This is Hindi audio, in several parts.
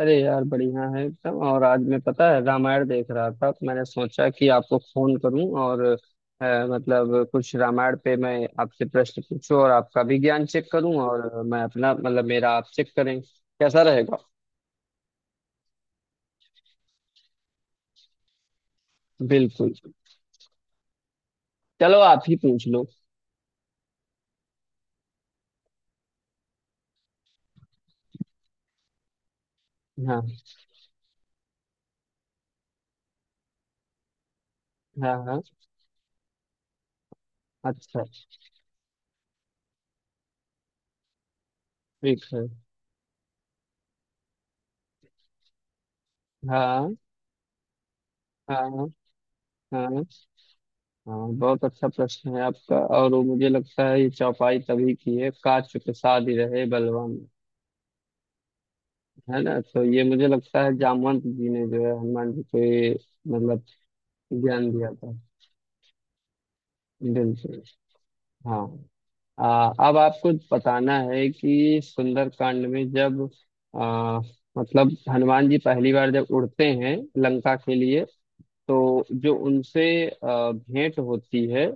अरे यार बढ़िया है एकदम। और आज मैं पता है रामायण देख रहा था तो मैंने सोचा कि आपको फोन करूं। और मतलब कुछ रामायण पे मैं आपसे प्रश्न पूछूं और आपका भी ज्ञान चेक करूं, और मैं अपना मतलब मेरा आप चेक करें, कैसा रहेगा। बिल्कुल। चलो आप ही पूछ लो। हाँ हाँ हाँ। अच्छा, ठीक है। हाँ हाँ हाँ हाँ। हाँ, बहुत अच्छा प्रश्न है आपका। और वो मुझे लगता है ये चौपाई तभी की है, काच चुप साध रहे बलवान। है ना? तो ये मुझे लगता है जामवंत जी ने जो है हनुमान जी को ये मतलब ज्ञान दिया था। बिल्कुल। हाँ। अब आपको बताना है कि सुंदरकांड में जब आ, मतलब हनुमान जी पहली बार जब उड़ते हैं लंका के लिए, तो जो उनसे भेंट होती है,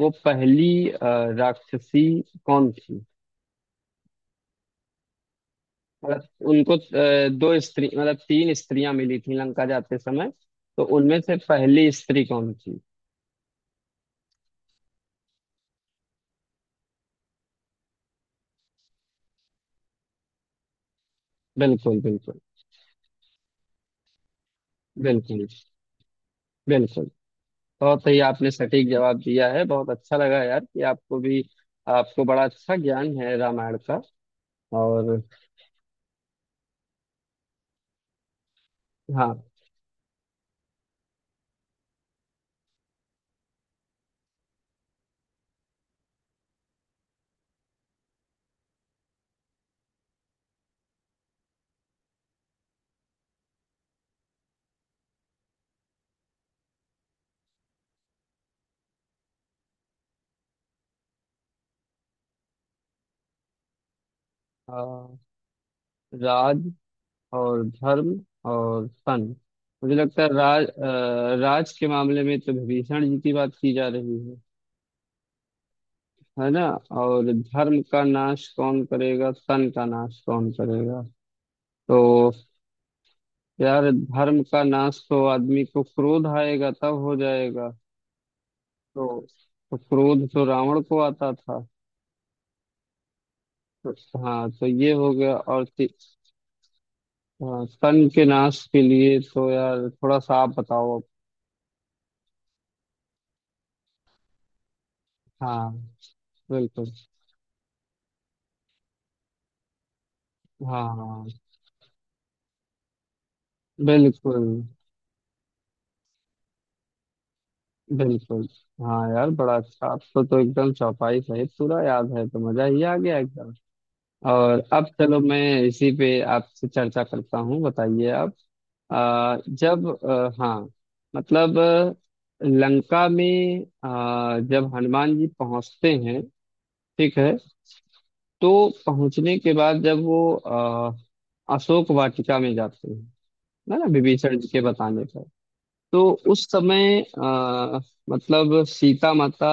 वो पहली राक्षसी कौन थी। मतलब उनको दो स्त्री मतलब तीन स्त्रियां मिली थी लंका जाते समय, तो उनमें से पहली स्त्री कौन थी। बिल्कुल बिल्कुल। बिल्कुल बिल्कुल। बहुत ही आपने सटीक जवाब दिया है, बहुत अच्छा लगा यार कि आपको भी आपको बड़ा अच्छा ज्ञान है रामायण का। और हाँ। अ, राज और धर्म और सन। मुझे लगता है राज, राज के मामले में तो विभीषण जी की बात की जा रही है ना। और धर्म का नाश कौन करेगा, तन का नाश कौन करेगा। तो यार धर्म का नाश तो आदमी को क्रोध आएगा तब हो जाएगा। तो, तो क्रोध तो रावण को आता था। तो, हाँ तो ये हो गया। और हाँ, तन के नाश के लिए तो यार थोड़ा सा आप बताओ। हाँ। बिल्कुल। हाँ बिल्कुल बिल्कुल। हाँ यार बड़ा अच्छा। आपको तो एकदम चौपाई सहित पूरा याद है तो मजा ही आ गया एकदम। और अब चलो मैं इसी पे आपसे चर्चा करता हूँ, बताइए आप। जब मतलब लंका में जब हनुमान जी पहुंचते हैं, ठीक है, तो पहुंचने के बाद जब वो अशोक वाटिका में जाते हैं, है ना, विभीषण जी के बताने पर। तो उस समय मतलब सीता माता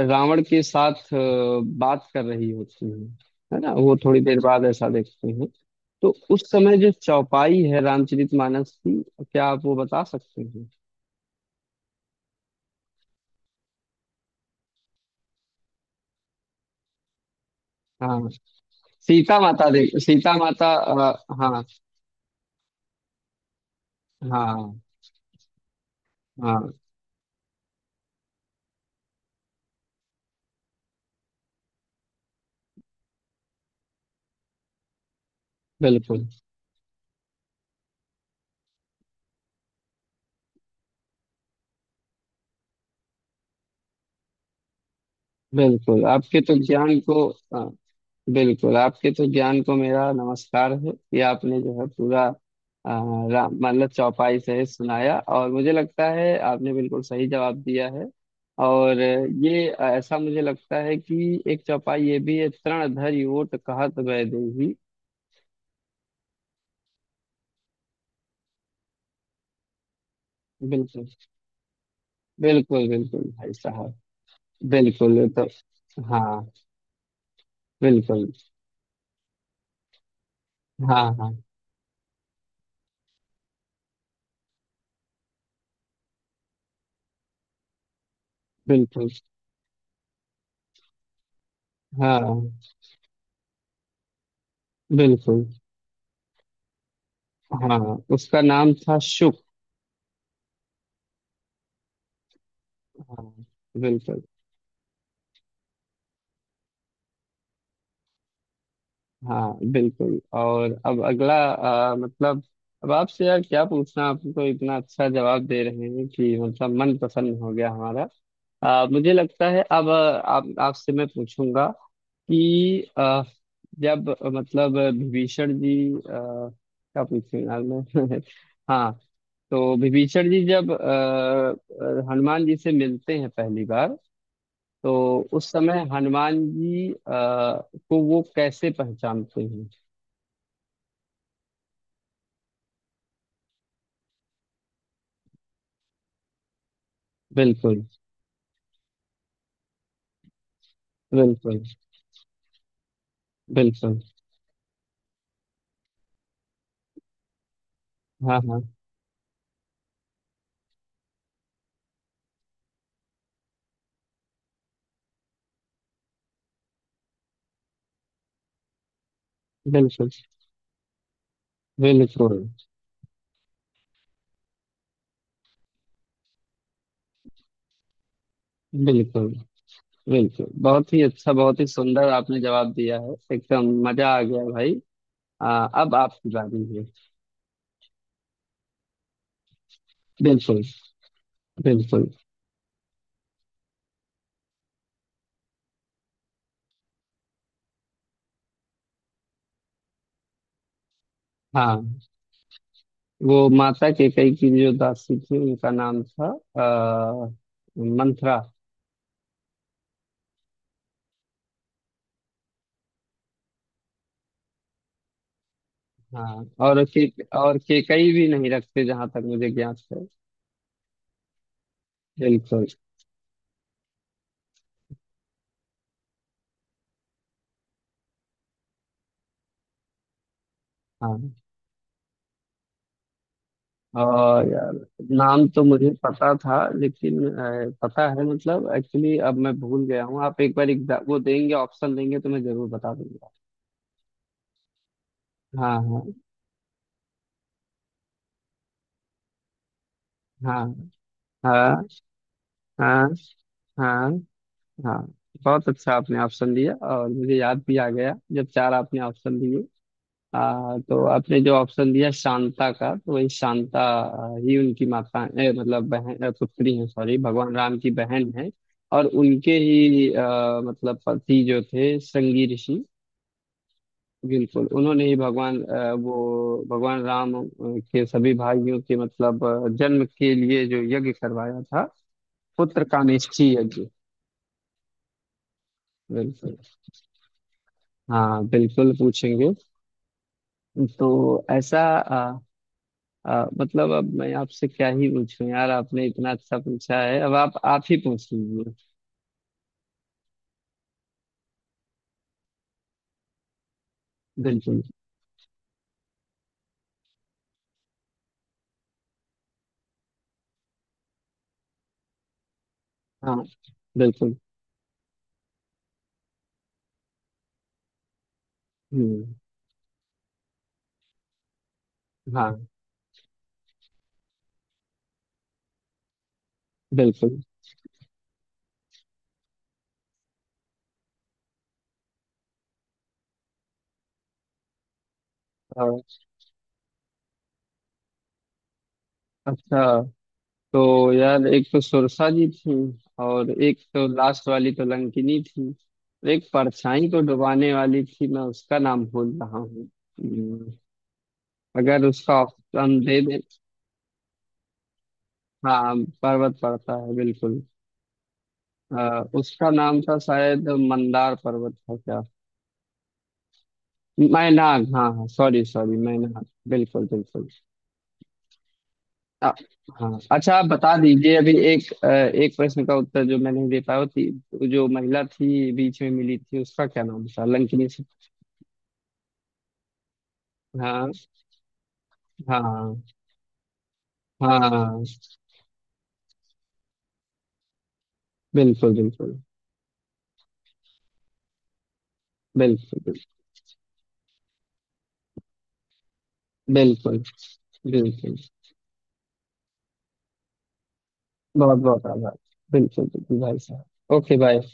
रावण के साथ बात कर रही होती है ना। वो थोड़ी देर बाद ऐसा देखते हैं। तो उस समय जो चौपाई है रामचरितमानस की, क्या आप वो बता सकते हैं। हाँ। सीता माता देख, सीता माता हाँ हाँ। हाँ, बिल्कुल बिल्कुल आपके तो ज्ञान को हाँ, बिल्कुल आपके तो ज्ञान को मेरा नमस्कार है कि आपने जो है पूरा अ, मतलब चौपाई सहित सुनाया, और मुझे लगता है आपने बिल्कुल सही जवाब दिया है। और ये ऐसा मुझे लगता है कि एक चौपाई ये भी है, तृण धरि ओट कहत वैदेही। बिल्कुल। बिल्कुल बिल्कुल भाई साहब। बिल्कुल ये तो। हाँ बिल्कुल। हाँ हाँ। बिल्कुल। हाँ बिल्कुल। हाँ, उसका नाम था शुक। हाँ। बिल्कुल। हाँ बिल्कुल। और अब अगला मतलब अब आपसे यार क्या पूछना, आपको इतना अच्छा जवाब दे रहे हैं कि मतलब मन प्रसन्न हो गया हमारा। मुझे लगता है अब आप आपसे मैं पूछूंगा कि जब मतलब विभीषण जी क्या पूछूं यार मैं। हाँ, तो विभीषण जी जब हनुमान जी से मिलते हैं पहली बार, तो उस समय हनुमान जी को वो कैसे पहचानते हैं। बिल्कुल, बिल्कुल, बिल्कुल। हाँ, हाँ। बिल्कुल, बिल्कुल, बिल्कुल, बिल्कुल। बहुत ही अच्छा, बहुत ही सुंदर आपने जवाब दिया है। एकदम मजा आ गया भाई। अब आपकी बारी है। बिल्कुल, बिल्कुल। हाँ, वो माता कैकेयी की जो दासी थी उनका नाम था आ, मंथरा। हाँ, और केकई भी नहीं रखते जहां तक मुझे ज्ञात है। बिल्कुल, हाँ। और यार नाम तो मुझे पता था, लेकिन पता है मतलब एक्चुअली अब मैं भूल गया हूँ। आप एक बार एग्जाम वो देंगे, ऑप्शन देंगे तो मैं जरूर बता दूंगा। हाँ हाँ हाँ हाँ हाँ हाँ हाँ। बहुत अच्छा आपने ऑप्शन दिया, और मुझे याद भी आ गया जब चार आपने ऑप्शन दिए। तो आपने जो ऑप्शन दिया शांता का, तो वही शांता ही उनकी माता मतलब बहन पुत्री है, सॉरी, भगवान राम की बहन है। और उनके ही मतलब पति जो थे, श्रृंगी ऋषि। बिल्कुल, उन्होंने ही भगवान वो भगवान राम के सभी भाइयों के मतलब जन्म के लिए जो यज्ञ करवाया था, पुत्र कामेष्ठी यज्ञ। बिल्कुल। हाँ बिल्कुल पूछेंगे। तो ऐसा मतलब अब मैं आपसे क्या ही पूछूं यार, आपने इतना अच्छा पूछा है, अब आप ही पूछ लीजिए। बिल्कुल। हाँ बिल्कुल। हम्म। हाँ बिल्कुल। और अच्छा, तो यार एक तो सुरसा जी थी, और एक तो लास्ट वाली तो लंकिनी थी। एक परछाई को डुबाने वाली थी, मैं उसका नाम भूल रहा हूँ। अगर उसका ऑप्शन दे दे। हाँ, पर्वत पड़ता है बिल्कुल। उसका नाम था शायद मंदार पर्वत था क्या। मैनाग, हाँ हाँ, सॉरी सॉरी, मैनाग, बिल्कुल बिल्कुल। आ, हाँ, अच्छा आप बता दीजिए अभी एक एक प्रश्न का उत्तर जो मैं नहीं दे पाया, वो थी जो महिला थी बीच में मिली थी, उसका क्या नाम था लंकिनी से। हाँ। हाँ हाँ। बिल्कुल बिल्कुल। बिल्कुल बिल्कुल। बिल्कुल बिल्कुल। बहुत बहुत आभार। बिल्कुल बिल्कुल भाई साहब, ओके, बाय।